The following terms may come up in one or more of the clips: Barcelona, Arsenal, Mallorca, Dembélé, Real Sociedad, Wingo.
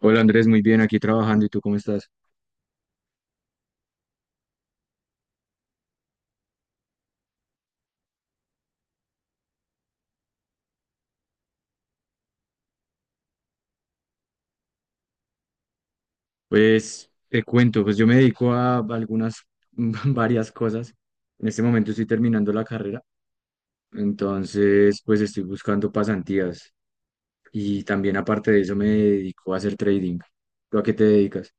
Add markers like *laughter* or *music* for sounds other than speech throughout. Hola Andrés, muy bien, aquí trabajando. ¿Y tú cómo estás? Pues te cuento, pues yo me dedico a algunas, *laughs* varias cosas. En este momento estoy terminando la carrera, entonces pues estoy buscando pasantías y también aparte de eso me dedico a hacer trading. ¿Tú a qué te dedicas?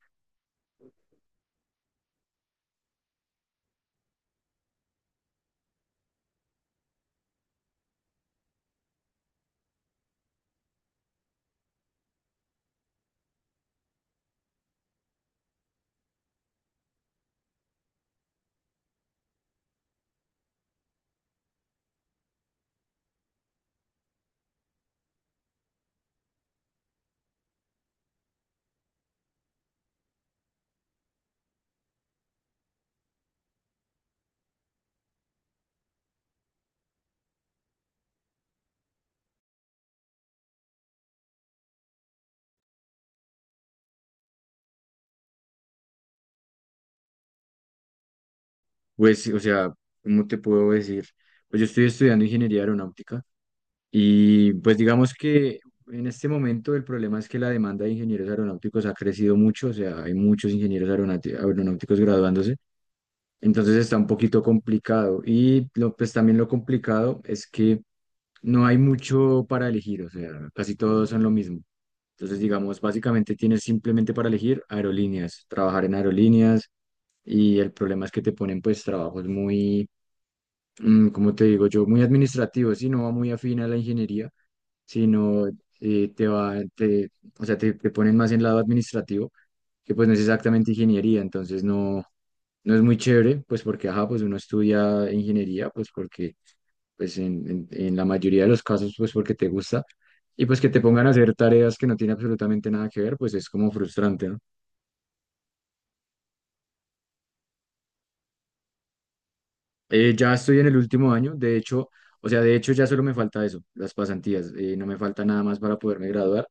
Pues, o sea, ¿cómo te puedo decir? Pues yo estoy estudiando ingeniería aeronáutica y pues digamos que en este momento el problema es que la demanda de ingenieros aeronáuticos ha crecido mucho, o sea, hay muchos aeronáuticos graduándose. Entonces está un poquito complicado. Y lo, pues también lo complicado es que no hay mucho para elegir, o sea, casi todos son lo mismo. Entonces, digamos, básicamente tienes simplemente para elegir aerolíneas, trabajar en aerolíneas y el problema es que te ponen pues trabajos muy, como te digo yo, muy administrativos y no va muy afín a la ingeniería, sino eh, te va, te, o sea, te ponen más en lado administrativo, que pues no es exactamente ingeniería, entonces no es muy chévere, pues porque, ajá, pues uno estudia ingeniería, pues porque, pues en la mayoría de los casos, pues porque te gusta, y pues que te pongan a hacer tareas que no tienen absolutamente nada que ver, pues es como frustrante, ¿no? Ya estoy en el último año, de hecho, o sea, de hecho ya solo me falta eso, las pasantías, no me falta nada más para poderme graduar,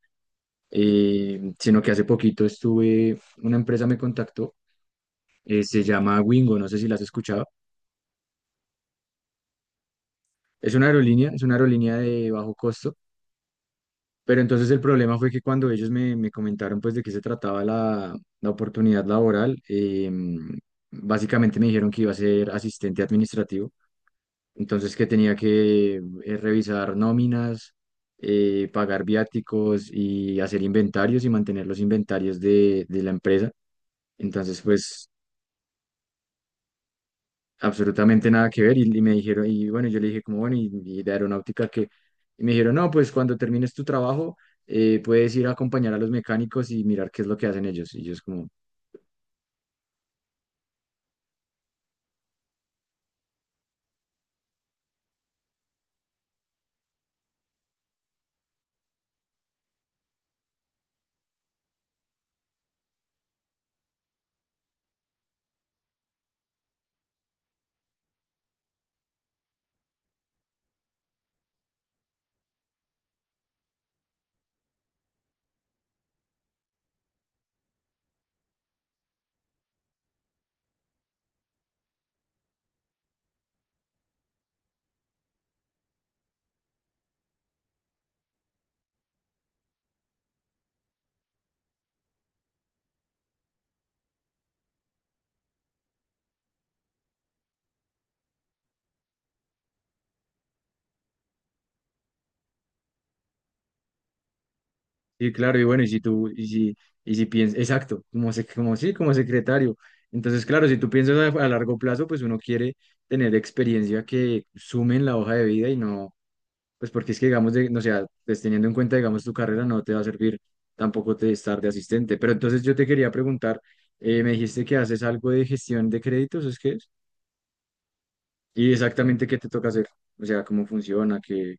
sino que hace poquito estuve, una empresa me contactó, se llama Wingo, no sé si la has escuchado, es una aerolínea de bajo costo. Pero entonces el problema fue que cuando ellos me comentaron pues de qué se trataba la oportunidad laboral, em, básicamente me dijeron que iba a ser asistente administrativo, entonces que tenía que revisar nóminas, pagar viáticos y hacer inventarios y mantener los inventarios de la empresa. Entonces pues absolutamente nada que ver. Y me dijeron, y bueno, yo le dije como, bueno, y de aeronáutica que, y me dijeron, no, pues cuando termines tu trabajo, puedes ir a acompañar a los mecánicos y mirar qué es lo que hacen ellos. Y yo es como, sí, claro, y bueno, y si tú, y si piensas, exacto, como, se, como sí, como secretario. Entonces, claro, si tú piensas a largo plazo, pues uno quiere tener experiencia que sume en la hoja de vida y no, pues porque es que, digamos, de, no sea, pues teniendo en cuenta, digamos, tu carrera no te va a servir tampoco te estar de asistente. Pero entonces yo te quería preguntar, me dijiste que haces algo de gestión de créditos, ¿es que es? Y exactamente qué te toca hacer, o sea, cómo funciona, qué,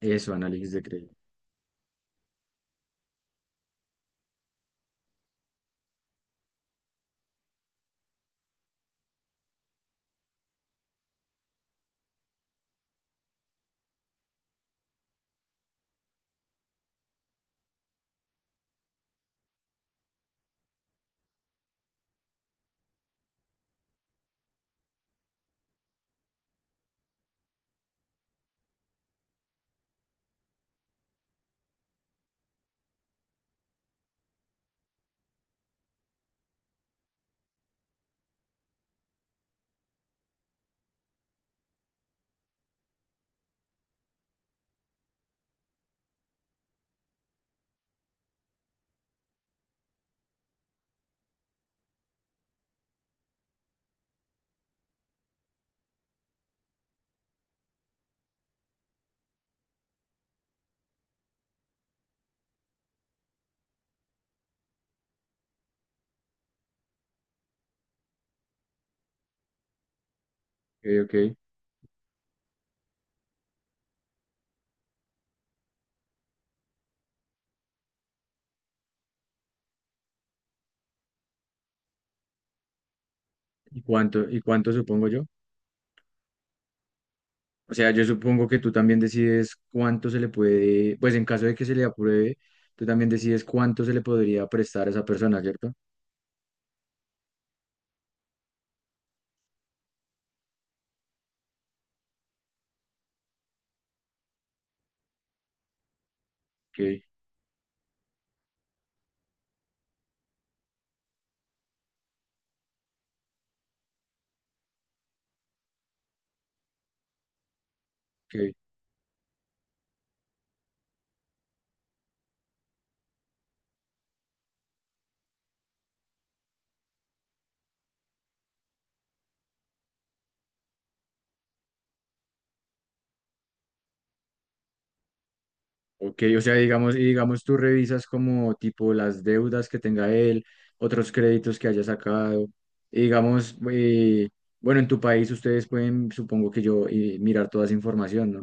eso, análisis de crédito. Ok, ok. ¿Y y cuánto supongo yo? O sea, yo supongo que tú también decides cuánto se le puede, pues en caso de que se le apruebe, tú también decides cuánto se le podría prestar a esa persona, ¿cierto? Ok, ok, ok. O sea, digamos, y digamos tú revisas como tipo las deudas que tenga él, otros créditos que haya sacado. Y digamos, bueno, en tu país ustedes pueden, supongo que yo, mirar toda esa información, ¿no?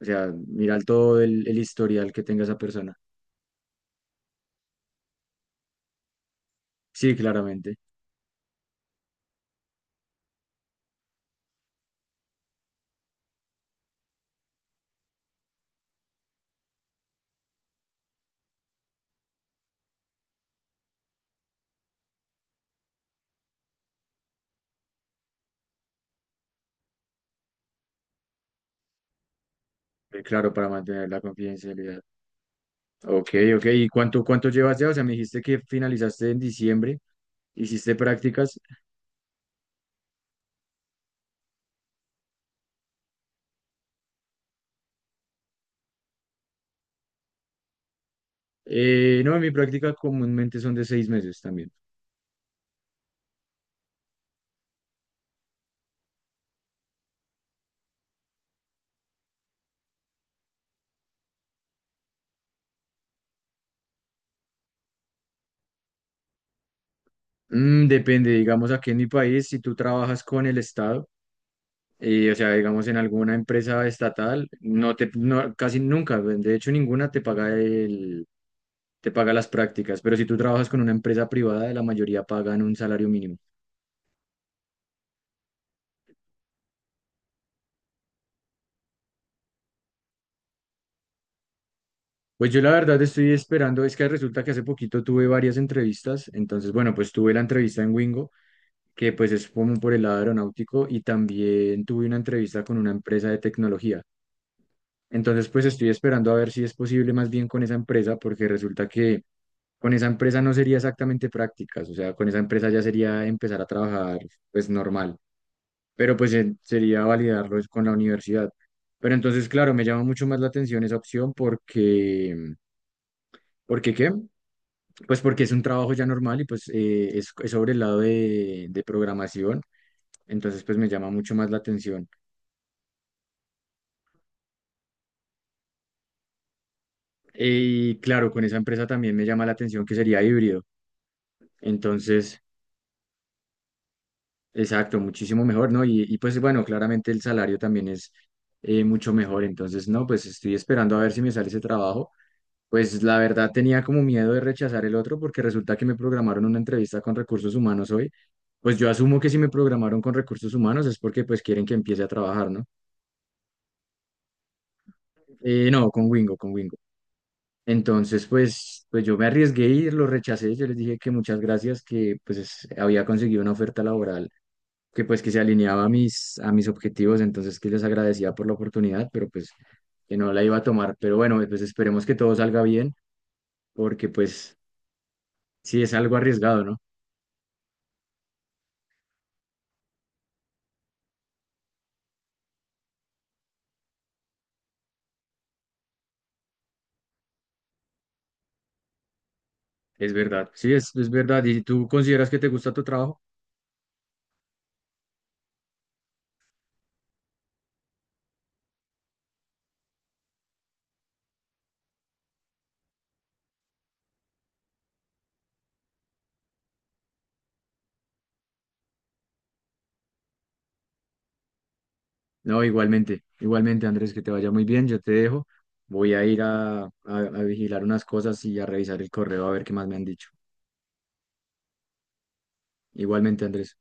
O sea, mirar todo el historial que tenga esa persona. Sí, claramente. Claro, para mantener la confidencialidad. Ok, ok. ¿Y cuánto llevas ya? O sea, me dijiste que finalizaste en diciembre, hiciste prácticas. No, mi práctica comúnmente son de 6 meses también. Mm, depende, digamos, aquí en mi país, si tú trabajas con el Estado, o sea, digamos, en alguna empresa estatal, no, casi nunca, de hecho, ninguna te paga te paga las prácticas, pero si tú trabajas con una empresa privada, la mayoría pagan un salario mínimo. Pues yo la verdad estoy esperando, es que resulta que hace poquito tuve varias entrevistas, entonces bueno, pues tuve la entrevista en Wingo, que pues es como por el lado aeronáutico, y también tuve una entrevista con una empresa de tecnología. Entonces pues estoy esperando a ver si es posible más bien con esa empresa, porque resulta que con esa empresa no sería exactamente prácticas, o sea, con esa empresa ya sería empezar a trabajar pues normal, pero pues sería validarlo es con la universidad. Pero entonces, claro, me llama mucho más la atención esa opción porque... ¿Por qué qué? Pues porque es un trabajo ya normal y pues es sobre el lado de programación, entonces pues me llama mucho más la atención. Eh, Y claro, con esa empresa también me llama la atención que sería híbrido, entonces, exacto, muchísimo mejor, ¿no? Y, pues bueno, claramente el salario también es mucho mejor, entonces no, pues estoy esperando a ver si me sale ese trabajo. Pues la verdad tenía como miedo de rechazar el otro porque resulta que me programaron una entrevista con recursos humanos hoy. Pues yo asumo que si me programaron con recursos humanos es porque pues quieren que empiece a trabajar, ¿no? No, con Wingo, con Wingo. Entonces pues, pues yo me arriesgué y lo rechacé. Yo les dije que muchas gracias, que pues es- había conseguido una oferta laboral que pues que se alineaba a a mis objetivos, entonces que les agradecía por la oportunidad, pero pues que no la iba a tomar. Pero bueno, pues esperemos que todo salga bien porque pues sí es algo arriesgado, ¿no? Es verdad, sí, es verdad. ¿Y tú consideras que te gusta tu trabajo? No, igualmente, igualmente, Andrés, que te vaya muy bien. Yo te dejo. Voy a ir a vigilar unas cosas y a revisar el correo a ver qué más me han dicho. Igualmente, Andrés.